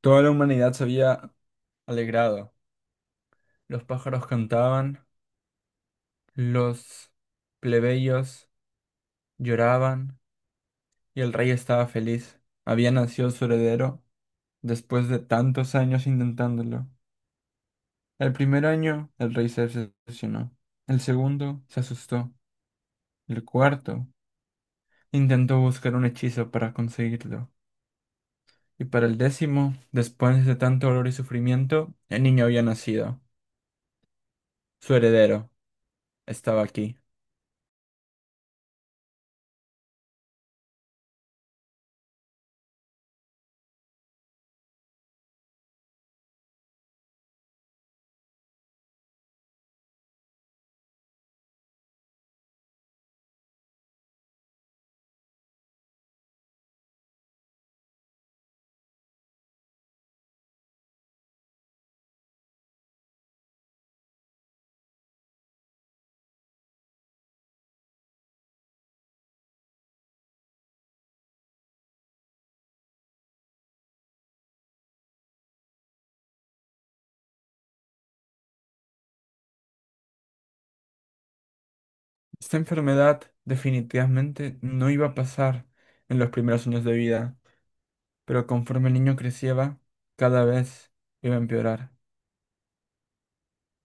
Toda la humanidad se había alegrado. Los pájaros cantaban, los plebeyos lloraban y el rey estaba feliz. Había nacido su heredero después de tantos años intentándolo. El primer año el rey se decepcionó. El segundo se asustó. El cuarto intentó buscar un hechizo para conseguirlo. Y para el décimo, después de tanto dolor y sufrimiento, el niño había nacido. Su heredero estaba aquí. Esta enfermedad definitivamente no iba a pasar en los primeros años de vida, pero conforme el niño crecía, cada vez iba a empeorar.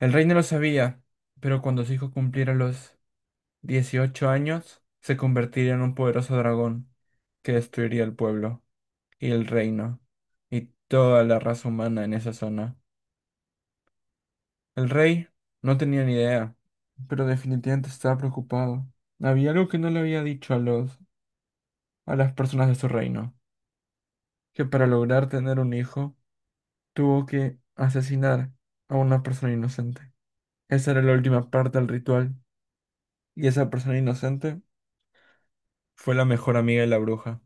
El rey no lo sabía, pero cuando su hijo cumpliera los 18 años, se convertiría en un poderoso dragón que destruiría el pueblo y el reino y toda la raza humana en esa zona. El rey no tenía ni idea, pero definitivamente estaba preocupado. Había algo que no le había dicho a los a las personas de su reino, que para lograr tener un hijo tuvo que asesinar a una persona inocente. Esa era la última parte del ritual y esa persona inocente fue la mejor amiga de la bruja.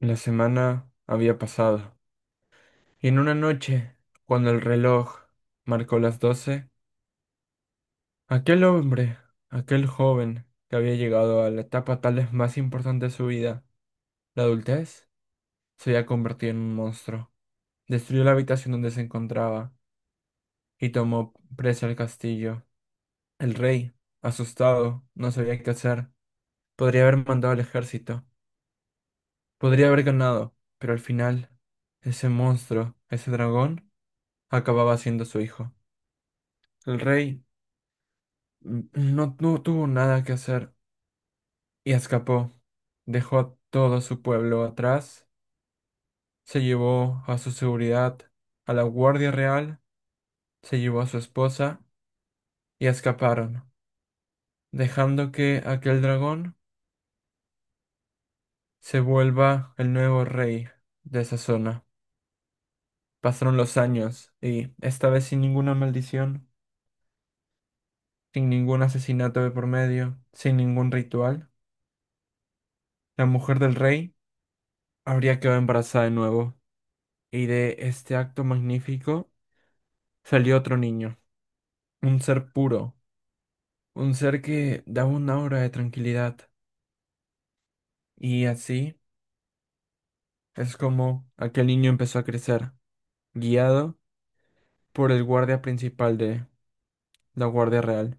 La semana había pasado y en una noche, cuando el reloj marcó las doce, aquel hombre, aquel joven que había llegado a la etapa tal vez más importante de su vida, la adultez, se había convertido en un monstruo. Destruyó la habitación donde se encontraba y tomó presa el castillo. El rey, asustado, no sabía qué hacer. Podría haber mandado al ejército, podría haber ganado, pero al final, ese monstruo, ese dragón, acababa siendo su hijo. El rey no, no tuvo nada que hacer y escapó. Dejó a todo su pueblo atrás, se llevó a su seguridad, a la guardia real, se llevó a su esposa y escaparon, dejando que aquel dragón se vuelva el nuevo rey de esa zona. Pasaron los años y, esta vez sin ninguna maldición, sin ningún asesinato de por medio, sin ningún ritual, la mujer del rey habría quedado embarazada de nuevo. Y de este acto magnífico salió otro niño, un ser puro, un ser que daba una aura de tranquilidad. Y así es como aquel niño empezó a crecer, guiado por el guardia principal de la Guardia Real.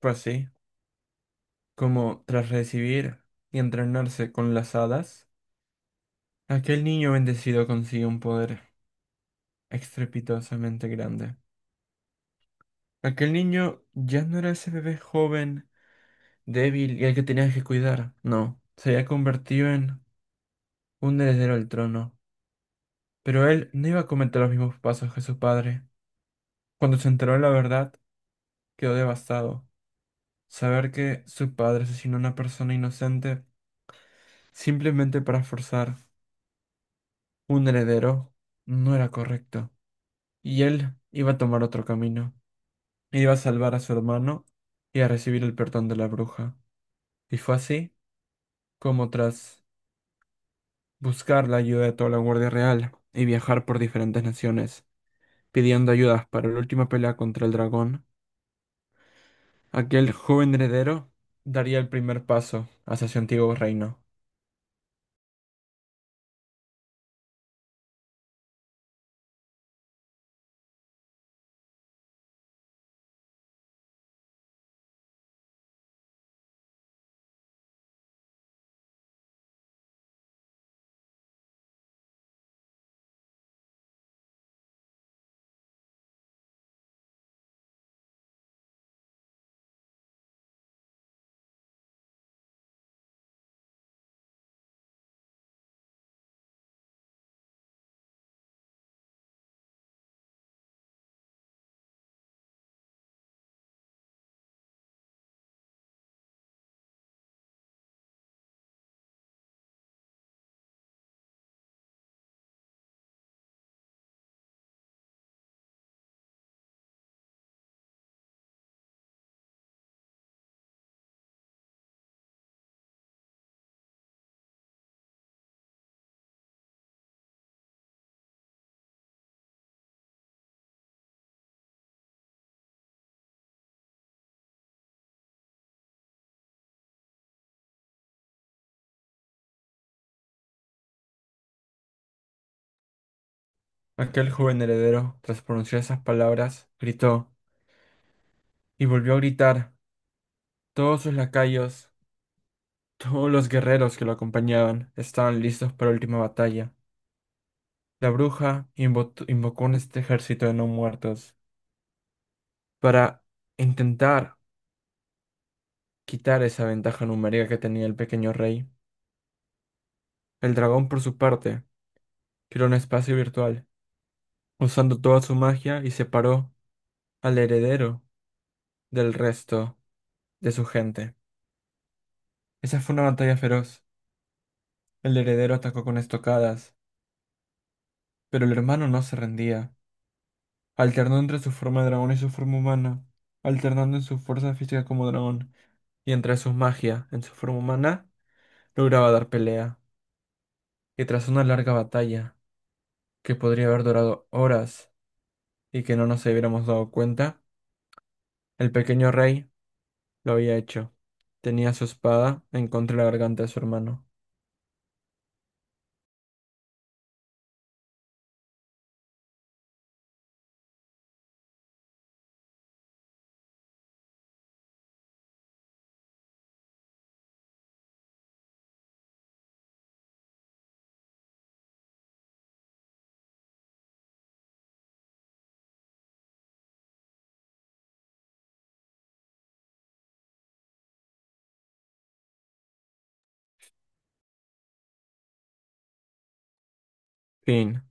Fue así como, tras recibir y entrenarse con las hadas, aquel niño bendecido consiguió un poder estrepitosamente grande. Aquel niño ya no era ese bebé joven, débil y al que tenías que cuidar. No, se había convertido en un heredero del trono. Pero él no iba a cometer los mismos pasos que su padre. Cuando se enteró de la verdad, quedó devastado. Saber que su padre asesinó a una persona inocente simplemente para forzar un heredero no era correcto. Y él iba a tomar otro camino. Iba a salvar a su hermano y a recibir el perdón de la bruja. Y fue así como tras buscar la ayuda de toda la Guardia Real y viajar por diferentes naciones, pidiendo ayudas para la última pelea contra el dragón, aquel joven heredero daría el primer paso hacia su antiguo reino. Aquel joven heredero, tras pronunciar esas palabras, gritó y volvió a gritar. Todos sus lacayos, todos los guerreros que lo acompañaban, estaban listos para la última batalla. La bruja invocó un ejército de no muertos para intentar quitar esa ventaja numérica que tenía el pequeño rey. El dragón, por su parte, creó un espacio virtual, usando toda su magia y separó al heredero del resto de su gente. Esa fue una batalla feroz. El heredero atacó con estocadas, pero el hermano no se rendía, alternó entre su forma de dragón y su forma humana, alternando en su fuerza física como dragón y entre su magia en su forma humana lograba dar pelea, y tras una larga batalla, que podría haber durado horas y que no nos hubiéramos dado cuenta, el pequeño rey lo había hecho. Tenía su espada en contra de la garganta de su hermano. Fin.